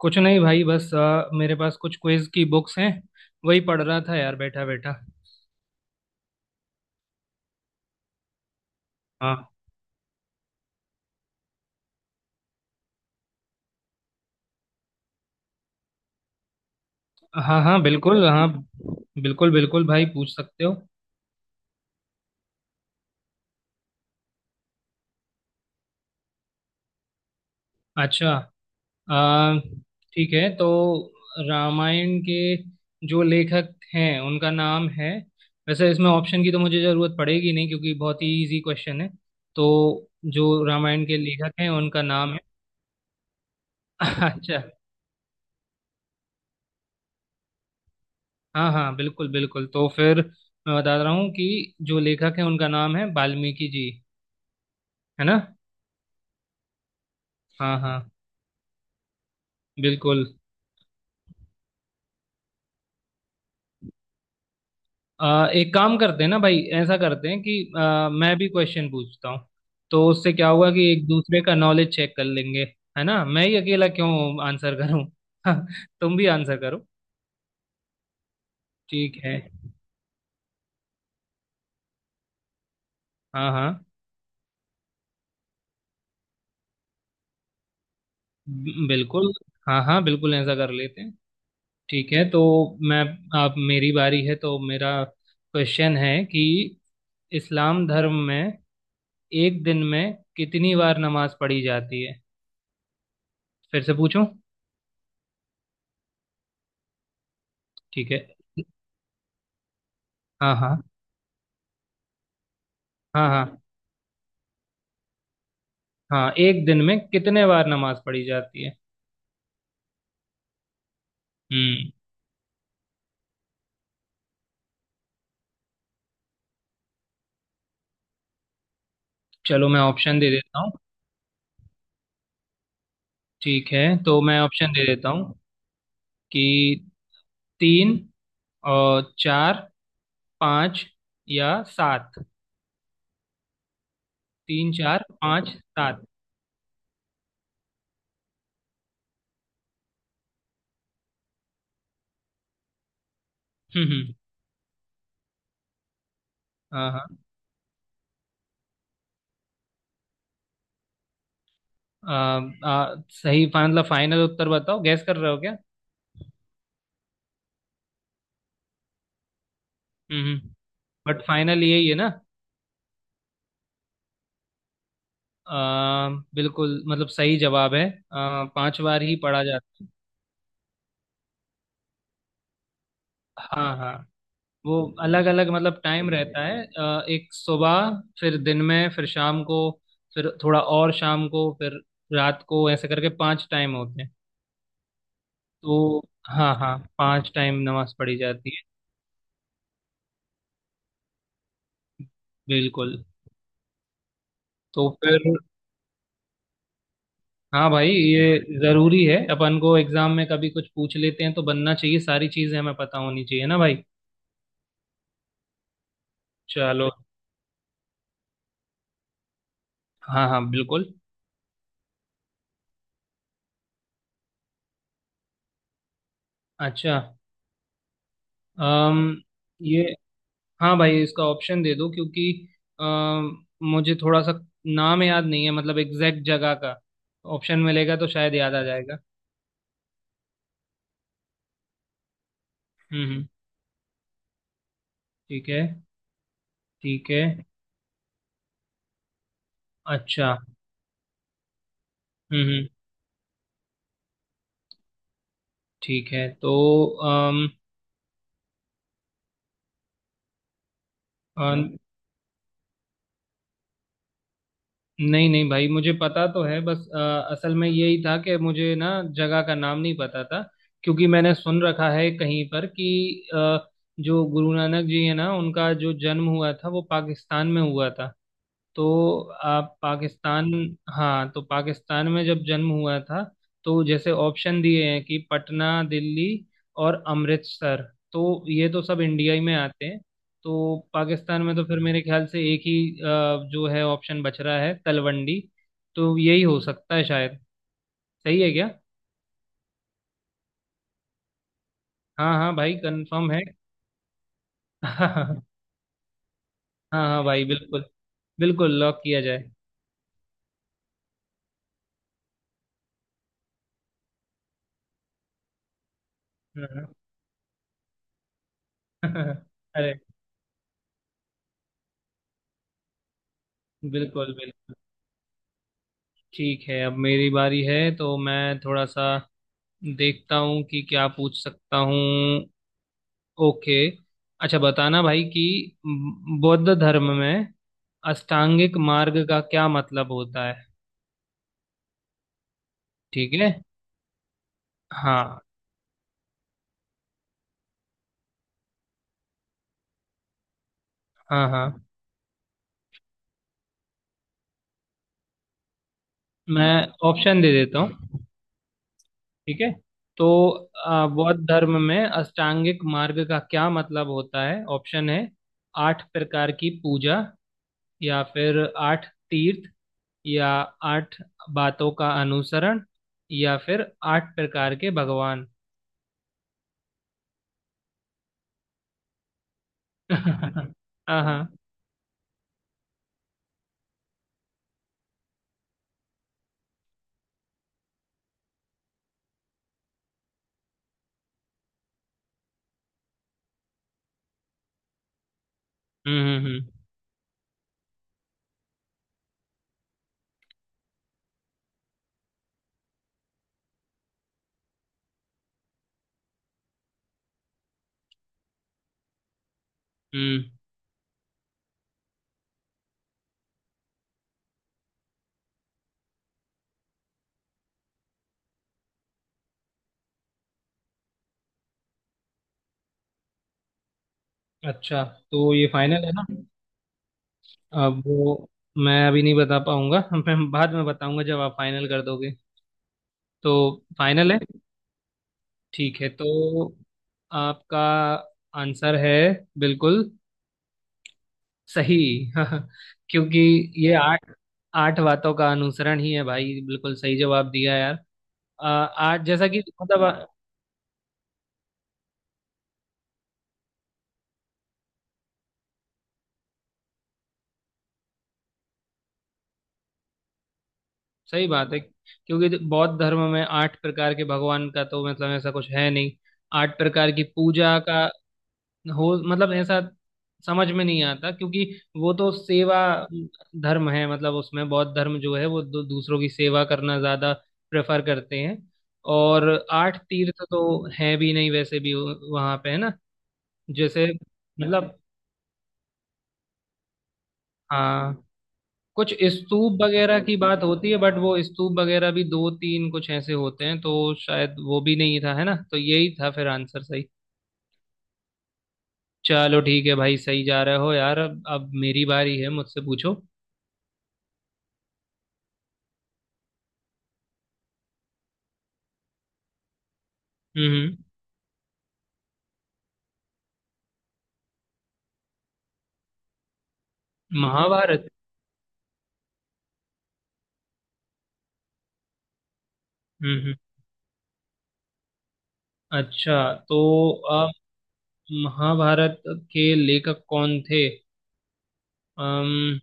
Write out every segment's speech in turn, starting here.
कुछ नहीं भाई, बस मेरे पास कुछ क्विज की बुक्स हैं। वही पढ़ रहा था यार, बैठा बैठा। हाँ हाँ, हाँ बिल्कुल हाँ। बिल्कुल बिल्कुल भाई, पूछ सकते हो। अच्छा। अ, ठीक है, तो रामायण के जो लेखक हैं उनका नाम है। वैसे इसमें ऑप्शन की तो मुझे ज़रूरत पड़ेगी नहीं, क्योंकि बहुत ही इजी क्वेश्चन है। तो जो रामायण के लेखक हैं उनका नाम है। अच्छा। हाँ हाँ, बिल्कुल बिल्कुल, तो फिर मैं बता रहा हूँ कि जो लेखक है उनका नाम है वाल्मीकि जी। है ना। हाँ हाँ। बिल्कुल। एक काम करते हैं ना भाई, ऐसा करते हैं कि मैं भी क्वेश्चन पूछता हूँ। तो उससे क्या होगा कि एक दूसरे का नॉलेज चेक कर लेंगे। है ना, मैं ही अकेला क्यों आंसर करूँ। तुम भी आंसर करो। ठीक है। हाँ हाँ। बिल्कुल। हाँ हाँ बिल्कुल, ऐसा कर लेते हैं। ठीक है तो मैं अब मेरी बारी है, तो मेरा क्वेश्चन है कि इस्लाम धर्म में एक दिन में कितनी बार नमाज पढ़ी जाती है। फिर से पूछूं। ठीक है। हाँ हाँ। हाँ हाँ, हाँ एक दिन में कितने बार नमाज पढ़ी जाती है। हम्म। चलो मैं ऑप्शन दे देता हूँ। ठीक है तो मैं ऑप्शन दे देता हूँ कि तीन और चार, पाँच या सात। तीन, चार, पाँच, सात। हम्म। हाँ हाँ। आ, आ, सही मतलब फाइनल उत्तर बताओ, गैस कर रहे हो क्या। हम्म। बट फाइनल यही है ना। आ, बिल्कुल मतलब सही जवाब है। पांच बार ही पढ़ा जाता है। हाँ हाँ। वो अलग अलग मतलब टाइम रहता है। एक सुबह, फिर दिन में, फिर शाम को, फिर थोड़ा और शाम को, फिर रात को, ऐसे करके पांच टाइम होते हैं। तो हाँ हाँ, पांच टाइम नमाज पढ़ी जाती है। बिल्कुल। तो फिर हाँ भाई, ये जरूरी है, अपन को एग्जाम में कभी कुछ पूछ लेते हैं तो बनना चाहिए, सारी चीजें हमें पता होनी चाहिए ना भाई। चलो, हाँ हाँ बिल्कुल। अच्छा। अम ये हाँ भाई, इसका ऑप्शन दे दो, क्योंकि मुझे थोड़ा सा नाम याद नहीं है, मतलब एग्जैक्ट जगह का। ऑप्शन मिलेगा तो शायद याद आ जाएगा। हम्म। ठीक है। ठीक है। अच्छा। हम्म। ठीक है तो अम, अ, नहीं नहीं भाई, मुझे पता तो है, बस असल में यही था कि मुझे ना जगह का नाम नहीं पता था। क्योंकि मैंने सुन रखा है कहीं पर कि जो गुरु नानक जी है ना, उनका जो जन्म हुआ था वो पाकिस्तान में हुआ था। तो आप पाकिस्तान, हाँ तो पाकिस्तान में जब जन्म हुआ था, तो जैसे ऑप्शन दिए हैं कि पटना, दिल्ली और अमृतसर, तो ये तो सब इंडिया ही में आते हैं। तो पाकिस्तान में तो फिर मेरे ख्याल से एक ही जो है ऑप्शन बच रहा है, तलवंडी। तो यही हो सकता है शायद। सही है क्या। हाँ हाँ भाई, कंफर्म है। हाँ। हाँ भाई बिल्कुल। बिल्कुल लॉक किया जाए। हाँ, हाँ, अरे बिल्कुल बिल्कुल। ठीक है, अब मेरी बारी है तो मैं थोड़ा सा देखता हूँ कि क्या पूछ सकता हूँ। ओके। अच्छा बताना भाई कि बौद्ध धर्म में अष्टांगिक मार्ग का क्या मतलब होता है। ठीक है। हाँ हाँ। हाँ मैं ऑप्शन दे देता हूँ। ठीक है। तो बौद्ध धर्म में अष्टांगिक मार्ग का क्या मतलब होता है, ऑप्शन है आठ प्रकार की पूजा, या फिर आठ तीर्थ, या आठ बातों का अनुसरण, या फिर आठ प्रकार के भगवान। हाँ। हाँ। हम्म। हम्म। अच्छा, तो ये फाइनल है ना। अब वो मैं अभी नहीं बता पाऊंगा। मैं बाद में बताऊंगा जब आप फाइनल कर दोगे। तो फाइनल है। ठीक है तो आपका आंसर है बिल्कुल सही। क्योंकि ये आठ आठ बातों का अनुसरण ही है भाई, बिल्कुल सही जवाब दिया यार। आ, आठ जैसा कि मतलब सही बात है, क्योंकि जो बौद्ध धर्म में आठ प्रकार के भगवान का तो मतलब ऐसा कुछ है नहीं। आठ प्रकार की पूजा का हो मतलब ऐसा समझ में नहीं आता, क्योंकि वो तो सेवा धर्म है। मतलब उसमें बौद्ध धर्म जो है वो दूसरों की सेवा करना ज्यादा प्रेफर करते हैं। और आठ तीर्थ तो है भी नहीं वैसे भी वहां पे, है ना। जैसे मतलब, हाँ कुछ स्तूप वगैरह की बात होती है, बट वो स्तूप वगैरह भी दो तीन कुछ ऐसे होते हैं। तो शायद वो भी नहीं था, है ना, तो यही था फिर आंसर सही। चलो ठीक है भाई, सही जा रहे हो यार। अब मेरी बारी है, मुझसे पूछो। हम्म। महाभारत। हम्म। अच्छा तो अ, महाभारत के लेखक कौन थे। अम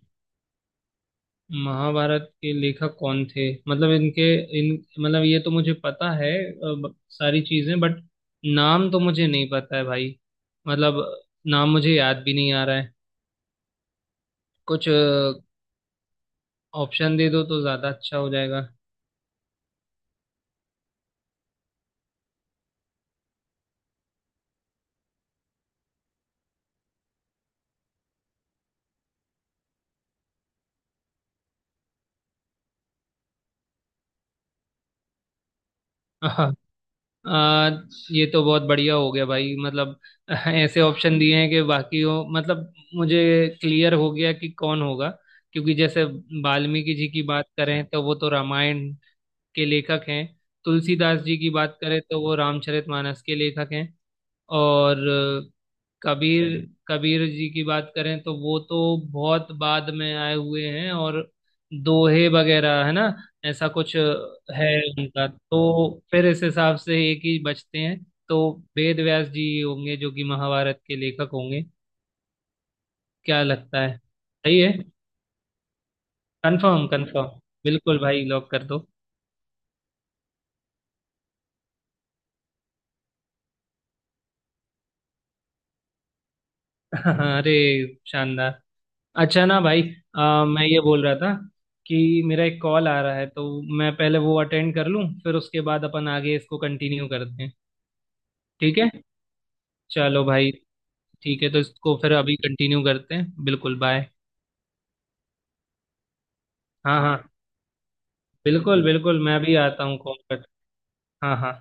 महाभारत के लेखक कौन थे, मतलब इनके इन मतलब ये तो मुझे पता है सारी चीजें, बट नाम तो मुझे नहीं पता है भाई, मतलब नाम मुझे याद भी नहीं आ रहा है। कुछ ऑप्शन दे दो तो ज्यादा अच्छा हो जाएगा। आ, ये तो बहुत बढ़िया हो गया भाई, मतलब ऐसे ऑप्शन दिए हैं कि बाकी हो मतलब मुझे क्लियर हो गया कि कौन होगा। क्योंकि जैसे वाल्मीकि जी की बात करें तो वो तो रामायण के लेखक हैं। तुलसीदास जी की बात करें तो वो रामचरितमानस के लेखक हैं। और अ, कबीर कबीर जी की बात करें तो वो तो बहुत बाद में आए हुए हैं, और दोहे वगैरह है ना, ऐसा कुछ है उनका। तो फिर इस हिसाब से एक ही बचते हैं। तो वेद व्यास जी ही होंगे जो कि महाभारत के लेखक होंगे। क्या लगता है, सही है। Confirm confirm. बिल्कुल भाई लॉक कर दो। अरे शानदार। अच्छा ना भाई, मैं ये बोल रहा था कि मेरा एक कॉल आ रहा है, तो मैं पहले वो अटेंड कर लूँ फिर उसके बाद अपन आगे इसको कंटिन्यू करते हैं। ठीक है। चलो भाई, ठीक है, तो इसको फिर अभी कंटिन्यू करते हैं। बिल्कुल। बाय। हाँ हाँ, बिल्कुल बिल्कुल, मैं भी आता हूँ कॉल कर। हाँ हाँ।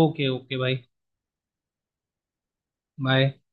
ओके ओके भाई। बाय।